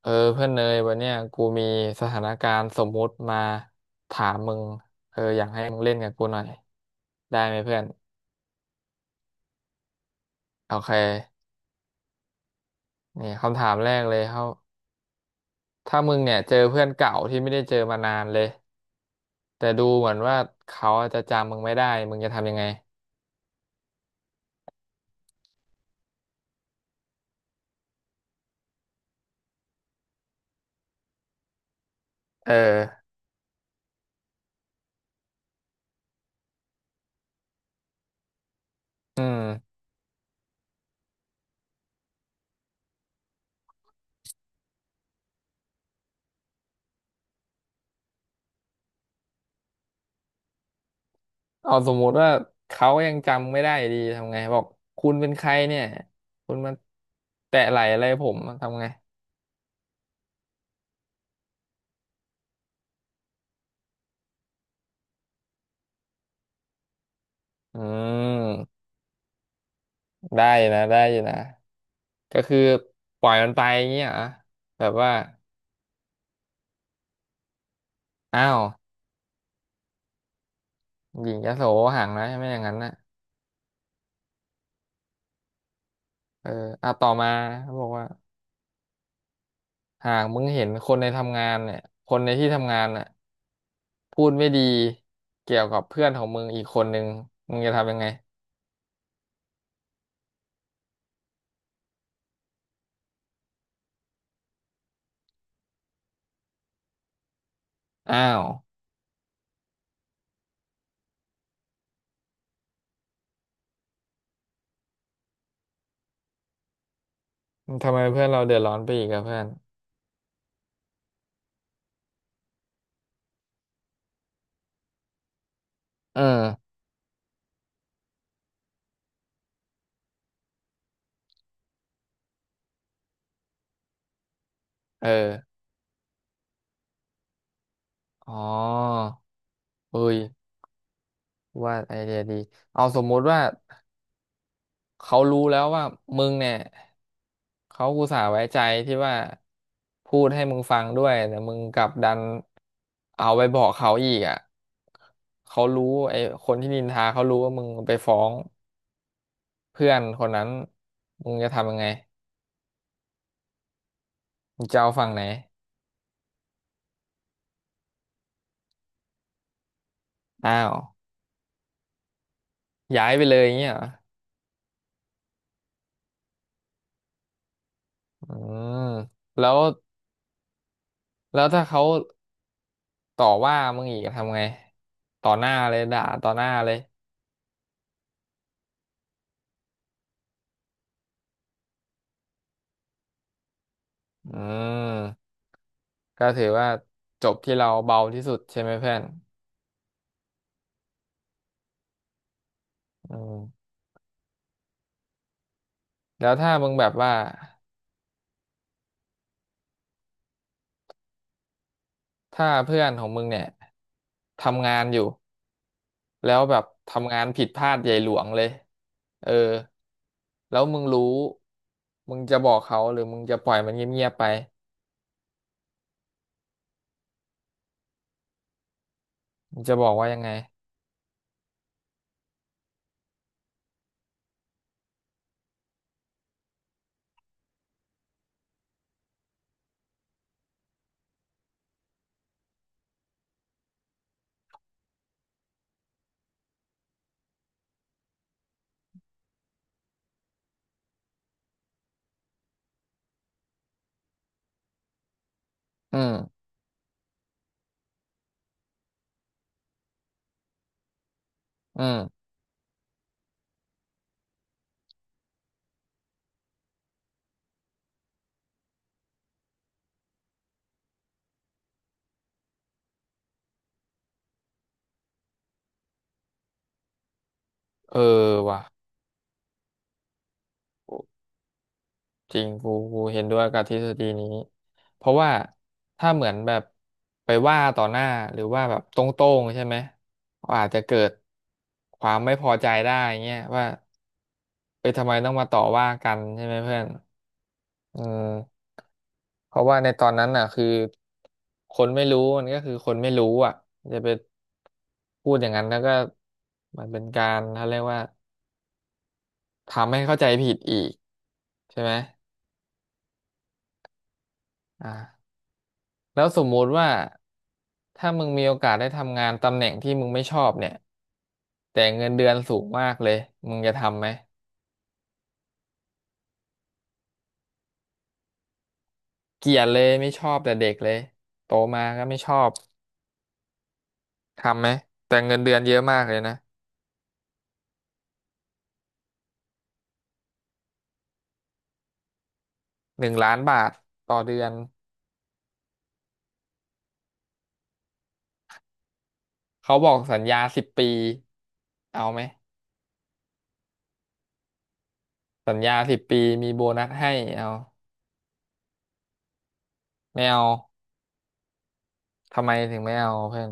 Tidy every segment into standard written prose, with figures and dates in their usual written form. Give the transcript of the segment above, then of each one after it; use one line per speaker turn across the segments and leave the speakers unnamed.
เออเพื่อนเนยวันเนี้ยกูมีสถานการณ์สมมุติมาถามมึงเอออยากให้มึงเล่นกับกูหน่อยได้ไหมเพื่อนโอเคนี่คำถามแรกเลยเขาถ้ามึงเนี่ยเจอเพื่อนเก่าที่ไม่ได้เจอมานานเลยแต่ดูเหมือนว่าเขาอาจจะจำมึงไม่ได้มึงจะทำยังไงเอออืมเอาสมมุติว่าเขายังจำไม่ได้ดีทำไงบอกคุณเป็นใครเนี่ยคุณมาแตะไหล่อะไรผมทำไงอืม ได้อยู่นะได้อยู่นะก็คือปล่อยมันไปอย่างเงี้ยเหรอแบบว่าอ้าวหญิงยโสห่างนะใช่ไหมอย่างนั้นนะเอออ่ะต่อมาเขาบอกว่าหากมึงเห็นคนในทำงานเนี่ยคนในที่ทำงานน่ะพูดไม่ดีเกี่ยวกับเพื่อนของมึงอีกคนนึงมึงจะทำยังไงอ้าวทำไมเพื่อนเราเดือดร้อนไปอีกอะเพื่อนเออเอออ๋อเอ้ยว่าไอเดียดีเอาสมมุติว่า เขารู้แล้วว่ามึงเนี่ยเขาอุตส่าห์ไว้ใจที่ว่าพูดให้มึงฟังด้วยแต่มึงกลับดันเอาไปบอกเขาอีกอ่ะเขารู้ไอ้คนที่นินทาเขารู้ว่ามึงไปฟ้องเพื่อนคนนั้นมึงจะทำยังไงมึงจะเอาฝั่งไหนอ้าวย้ายไปเลยอย่างเงี้ยเหรออืมแล้วแล้วถ้าเขาต่อว่ามึงอีกทำไงต่อหน้าเลยด่าต่อหน้าเลยอืม ก็ถือว่าจบที่เราเบาที่สุดใช่ไหมเพื่อนอืมแล้วถ้ามึงแบบว่าถ้าเพื่อนของมึงเนี่ยทำงานอยู่แล้วแบบทำงานผิดพลาดใหญ่หลวงเลย เออ แล้วมึงรู้มึงจะบอกเขาหรือมึงจะปล่อยมันเงียบๆไป มึงจะบอกว่ายังไง อืมอืมเออว่ะ จริงกูเห็นด้วยกับทฤษฎีนี้เพราะว่าถ้าเหมือนแบบไปว่าต่อหน้าหรือว่าแบบตรงๆใช่ไหมก็อาจจะเกิดความไม่พอใจได้เงี้ยว่าไปทำไมต้องมาต่อว่ากันใช่ไหมเพื่อนเออเพราะว่าในตอนนั้นน่ะคือคนไม่รู้มันก็คือคนไม่รู้อ่ะจะไปพูดอย่างนั้นแล้วก็มันเป็นการเขาเรียกว่าทำให้เข้าใจผิดอีกใช่ไหมอ่า แล้วสมมุติว่าถ้ามึงมีโอกาสได้ทำงานตำแหน่งที่มึงไม่ชอบเนี่ยแต่เงินเดือนสูงมากเลยมึงจะทำไหมเกลียดเลยไม่ชอบแต่เด็กเลยโตมาก็ไม่ชอบทำไหมแต่เงินเดือนเยอะมากเลยนะ1,000,000 บาทต่อเดือนเขาบอกสัญญาสิบปีเอาไหมสัญญาสิบปีมีโบนัสให้เอาไม่เอาทำไมถึงไม่เอาเพื่อน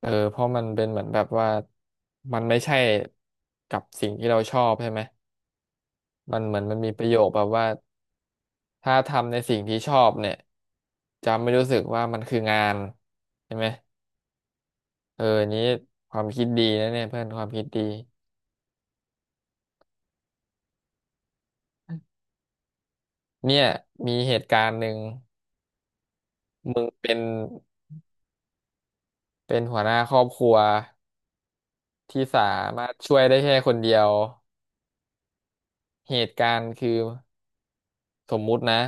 เออเพราะมันเป็นเหมือนแบบว่ามันไม่ใช่กับสิ่งที่เราชอบใช่ไหม มันเหมือนมันมีประโยคแบบว่าถ้าทำในสิ่งที่ชอบเนี่ยจะไม่รู้สึกว่ามันคืองานใช่ไหมเอออันนี้ความคิดดีนะเนี่ยเพื่อนความคิดดีเนี่ยมีเหตุการณ์หนึ่งมึงเป็นหัวหน้าครอบครัวที่สามารถช่วยได้แค่คนเดียวเหตุการณ์คือสมมุตินะ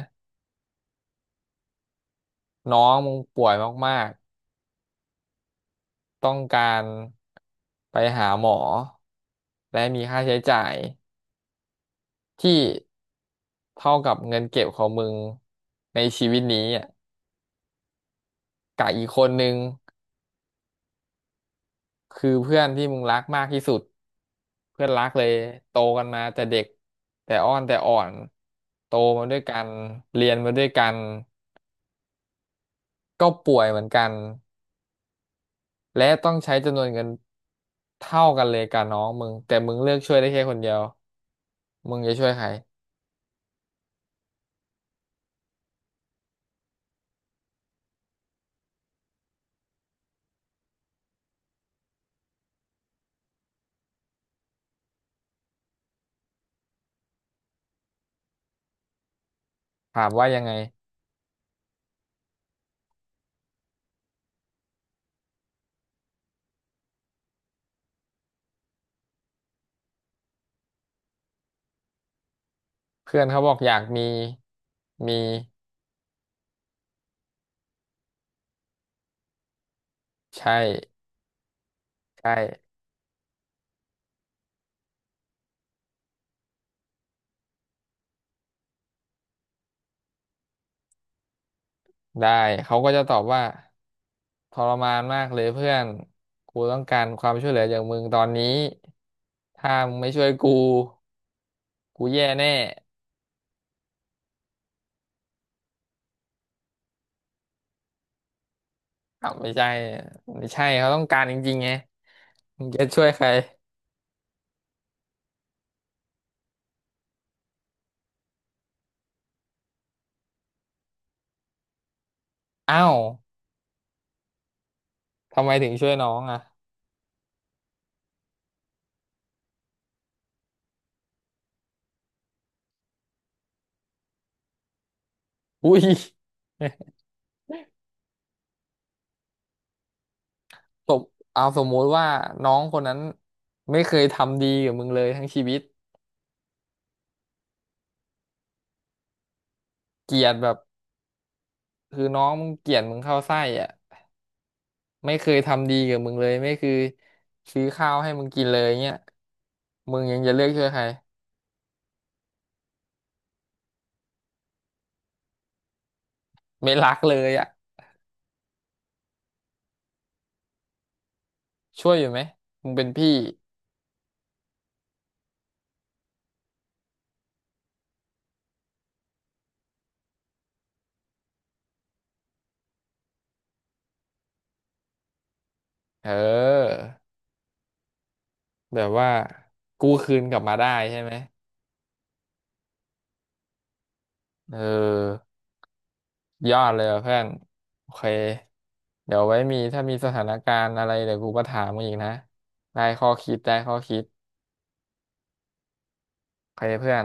น้องมึงป่วยมากๆต้องการไปหาหมอและมีค่าใช้จ่าย ที่เท่ากับเงินเก็บของมึงในชีวิตนี้อ่ะกับอีกคนนึงคือเพื่อนที่มึงรักมากที่สุดเพื่อนรักเลยโตกันมาแต่เด็กแต่อ้อนแต่อ่อนโตมาด้วยกันเรียนมาด้วยกันก็ป่วยเหมือนกันและต้องใช้จำนวนเงินเท่ากันเลยกับน้องมึงแต่มึงเลือกช่วยได้แค่คนเดียวมึงจะช่วยใครถามว่ายังไงเพื่อนเขาบอกอยากมีมีใช่ใช่ ได้เขาก็จะตอบว่าทรมานมากเลยเพื่อนกูต้องการความช่วยเหลือจากมึงตอนนี้ถ้ามึงไม่ช่วยกูกูแย่แน่อ้าวไม่ใช่ไม่ใช่เขาต้องการจริงๆไงมึงจะช่วยใครอ้าวทำไมถึงช่วยน้องอ่ะอุ้ย ตบเอาสมมุติว่าน้องคนนั้นไม่เคยทำดีกับมึงเลยทั้งชีวิตเกลียดแบบคือน้องมึงเกลียดมึงเข้าไส้อ่ะ ไม่เคยทำดีกับมึงเลยไม่เคือซื้อข้าวให้มึงกินเลยเงี้ยมึงยังจะเลือกช่วยใครไม่รักเลยอ่ะช่วยอยู่ไหมมึงเป็นพี่เออแบบว่ากู้คืนกลับมาได้ใช่ไหมเออยอดเลยว่ะเพื่อนโอเคเดี๋ยวไว้มีถ้ามีสถานการณ์อะไรเดี๋ยวกูก็ถามมึงอีกนะได้ข้อคิดได้ข้อคิดโอเคเพื่อน